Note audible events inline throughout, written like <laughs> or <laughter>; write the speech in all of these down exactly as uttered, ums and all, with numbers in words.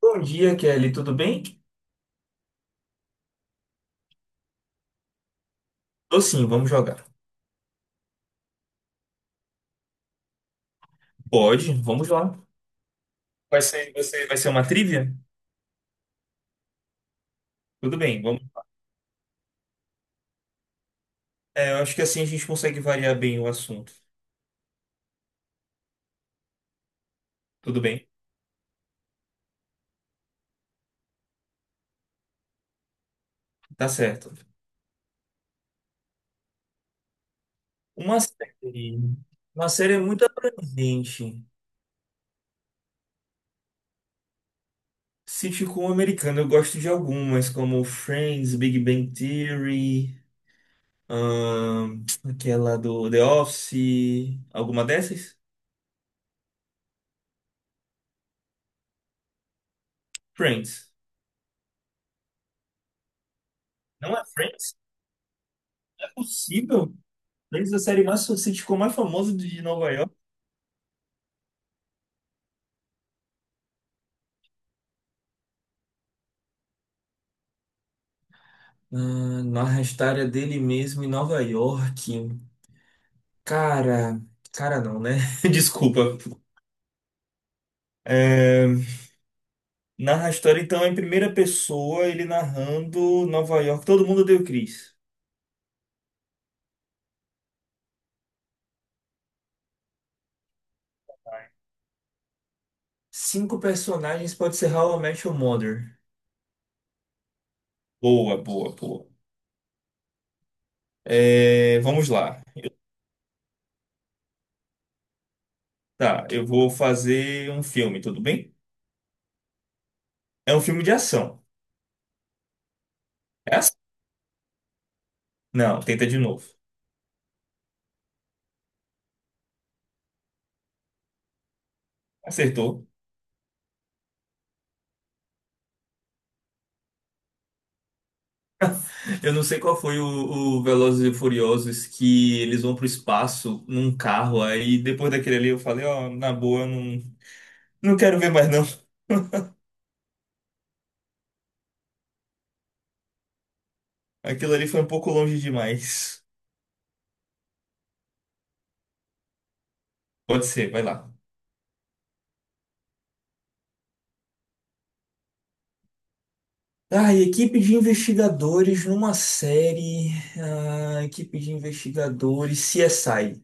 Bom dia, Kelly. Tudo bem? Tô sim, vamos jogar. Pode, vamos lá. Vai ser, vai ser, vai ser uma trivia? Tudo bem, vamos. É, eu acho que assim a gente consegue variar bem o assunto. Tudo bem, tá certo. Uma série. Uma série é muito abrangente. Sitcom americano, eu gosto de algumas, como Friends, Big Bang Theory, ahn, aquela do The Office, alguma dessas? Friends. Não é Friends? Não é possível? Talvez a série mais o sitcom mais famoso de Nova York. Ah, narra a história dele mesmo em Nova York. Cara, cara não, né? <laughs> Desculpa. É, narra a história, então, em primeira pessoa, ele narrando Nova York. Todo mundo deu Chris. Cinco personagens pode ser How I Met Your Mother. Boa, boa, boa. É, vamos lá. Tá, eu vou fazer um filme, tudo bem? É um filme de ação. É ação? Não, tenta de novo. Acertou. Eu não sei qual foi o, o Velozes e Furiosos que eles vão pro espaço num carro, aí depois daquele ali eu falei, ó, na boa, não, não quero ver mais não. Aquilo ali foi um pouco longe demais. Pode ser, vai lá. Ah, e equipe de investigadores numa série. Ah, equipe de investigadores C S I.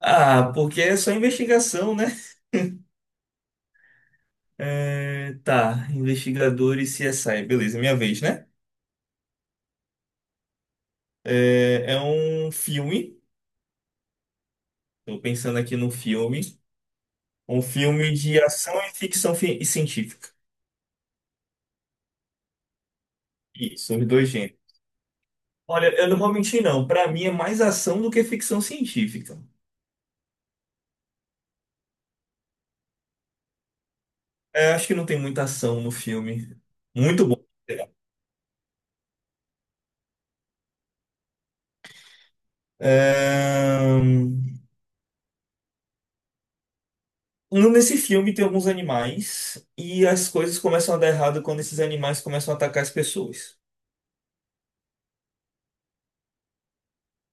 Ah, porque é só investigação, né? É, tá, investigadores C S I. Beleza, minha vez, né? É, é um filme. Tô pensando aqui no filme. Um filme de ação e ficção fi- e científica. Isso, os dois gêneros. Olha, eu não vou mentir, não. Pra mim é mais ação do que ficção científica. É, acho que não tem muita ação no filme. Muito bom. Ahn, no- Nesse filme tem alguns animais e as coisas começam a dar errado quando esses animais começam a atacar as pessoas.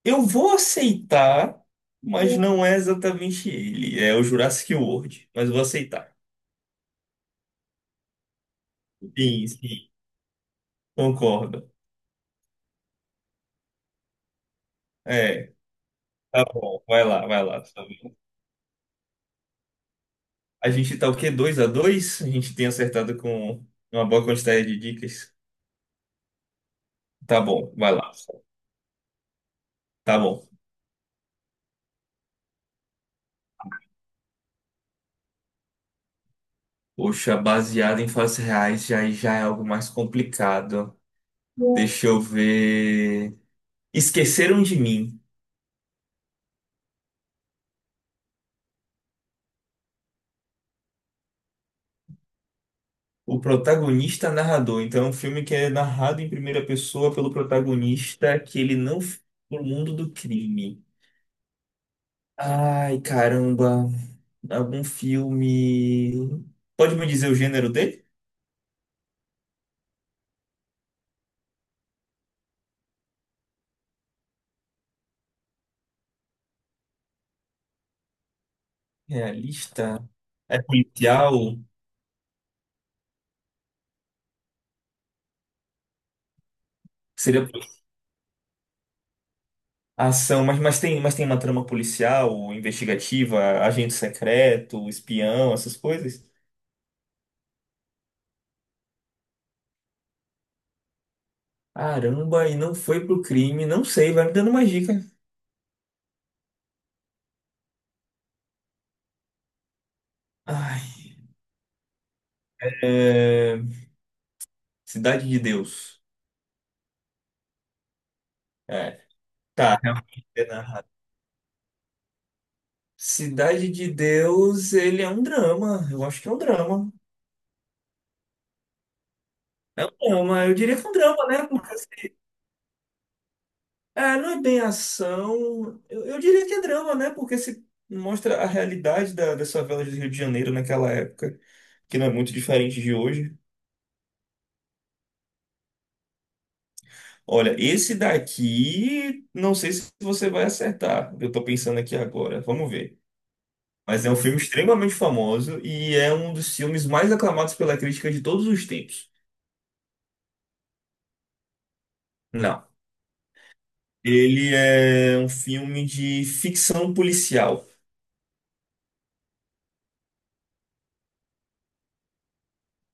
Eu vou aceitar, mas não é exatamente ele. É o Jurassic World, mas vou aceitar. Sim, sim, concordo. É. Tá bom, vai lá, vai lá. Tá bom. A gente tá o quê? Dois a dois. A gente tem acertado com uma boa quantidade de dicas. Tá bom, vai lá. Tá bom. Poxa, baseado em fatos reais já, já é algo mais complicado. Deixa eu ver. Esqueceram de mim. O protagonista é narrador. Então é um filme que é narrado em primeira pessoa pelo protagonista que ele não foi pro mundo do crime. Ai, caramba. Algum filme. Pode me dizer o gênero dele? Realista? É policial? Seria ação, mas, mas tem, mas tem uma trama policial, investigativa, agente secreto, espião, essas coisas? Caramba, e não foi pro crime, não sei, vai me dando mais dica. Ai, é, Cidade de Deus. É, tá, realmente é narrado. Cidade de Deus, ele é um drama, eu acho que é um drama. É um drama, eu diria que é um drama, né? É, não é bem ação. Eu, eu diria que é drama, né? Porque se mostra a realidade da, das favelas do Rio de Janeiro naquela época, que não é muito diferente de hoje. Olha, esse daqui, não sei se você vai acertar. Eu tô pensando aqui agora. Vamos ver. Mas é um filme extremamente famoso e é um dos filmes mais aclamados pela crítica de todos os tempos. Não. Ele é um filme de ficção policial.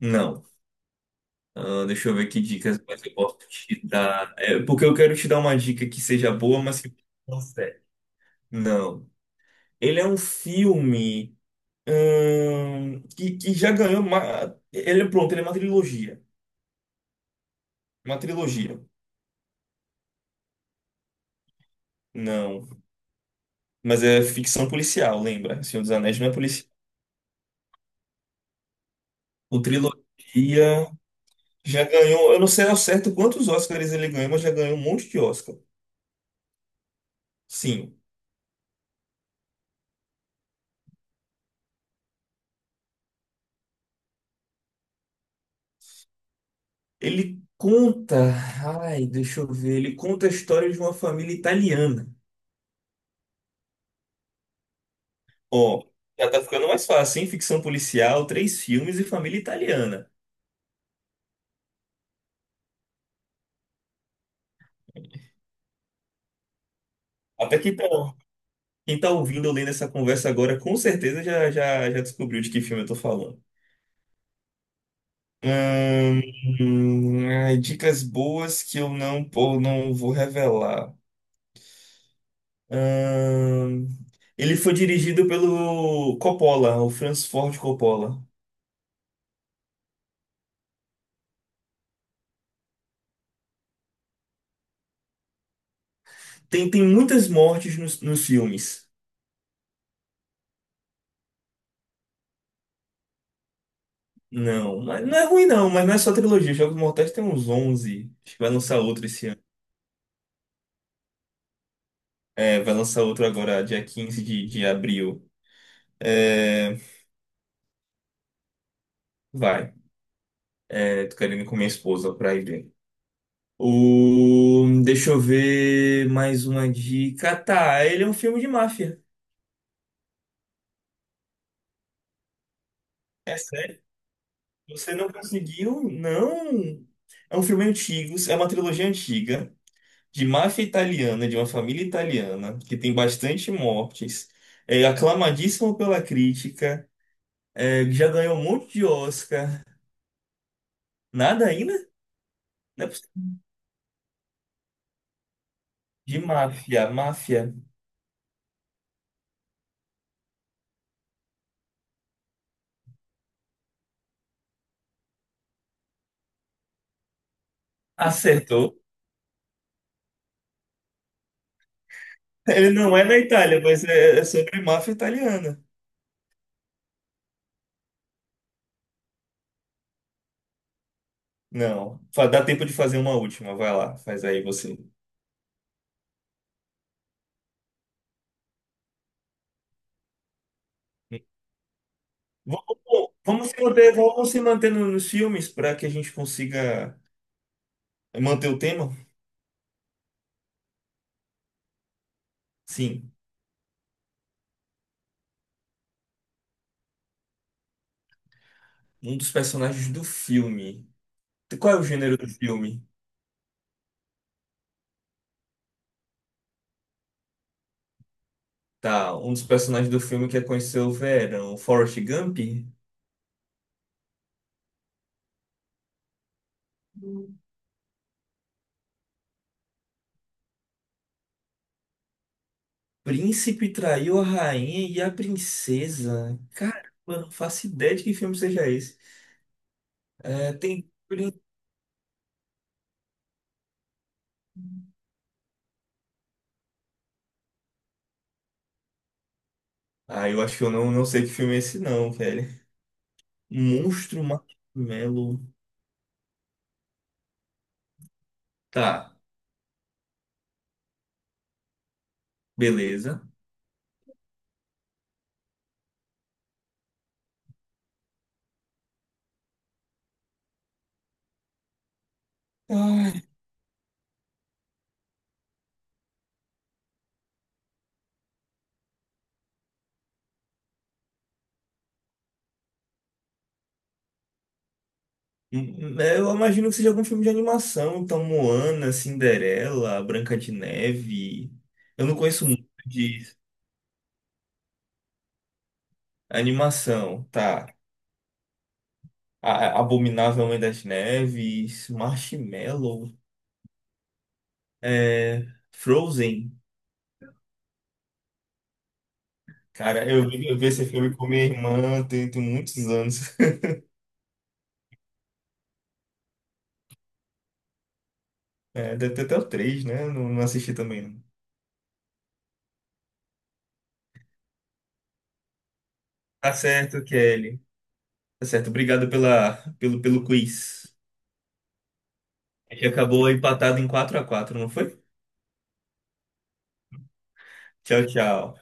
Não. Ah, deixa eu ver que dicas mais eu posso te dar. É, porque eu quero te dar uma dica que seja boa, mas que não serve. Não. Ele é um filme hum, que, que já ganhou uma. Ele é pronto, ele é uma trilogia. Uma trilogia. Não. Mas é ficção policial, lembra? Senhor dos Anéis não é policial. O trilogia já ganhou. Eu não sei ao certo quantos Oscars ele ganhou, mas já ganhou um monte de Oscar. Sim. Ele conta, ai, deixa eu ver, ele conta a história de uma família italiana. Ó, já tá ficando mais fácil, hein? Ficção policial, três filmes e família italiana. Até que então, quem tá ouvindo ou lendo essa conversa agora, com certeza já, já, já descobriu de que filme eu tô falando. Hum, hum, ai, dicas boas que eu não, pô, não vou revelar. Hum, ele foi dirigido pelo Coppola, o Francis Ford Coppola. Tem, tem muitas mortes nos, nos filmes. Não, mas não é ruim não, mas não é só trilogia. Jogos Mortais tem uns onze. Acho que vai lançar outro esse ano. É, vai lançar outro agora, dia quinze de, de abril. É, vai. É, tô querendo ir com minha esposa pra ir ver. O, deixa eu ver mais uma dica. Tá, ele é um filme de máfia. É sério? Você não conseguiu? Não. É um filme antigo, é uma trilogia antiga, de máfia italiana, de uma família italiana, que tem bastante mortes, é aclamadíssimo pela crítica, é, já ganhou um monte de Oscar. Nada ainda? Não é possível. De máfia, máfia. Acertou. Ele não é na Itália, mas é, é sobre máfia italiana. Não. Fa- Dá tempo de fazer uma última. Vai lá, faz aí você. Vamos, vamos se manter, vamos se manter no- nos filmes para que a gente consiga manter o tema? Sim. Um dos personagens do filme. Qual é o gênero do filme? Tá, um dos personagens do filme quer conhecer o verão. Forrest Gump? Príncipe traiu a rainha e a princesa. Caramba, não faço ideia de que filme seja esse. É, tem. prín- Ah, eu acho que eu não, não sei que filme é esse, não, velho. Monstro Marshmallow. Tá, beleza. Ai, hum, hum, é, eu imagino que seja algum filme de animação. Então, Moana, Cinderela, Branca de Neve. Eu não conheço muito disso. Animação, tá. A- Abominável Homem das Neves, Marshmallow, é, Frozen. Cara, eu vi, eu vi esse filme com minha irmã tem, tem, muitos anos. <laughs> É, deve ter até o três, né? Não, não assisti também, não. Tá certo, Kelly. Tá certo. Obrigado pela, pelo, pelo quiz. A gente acabou empatado em quatro a quatro, não foi? Tchau, tchau.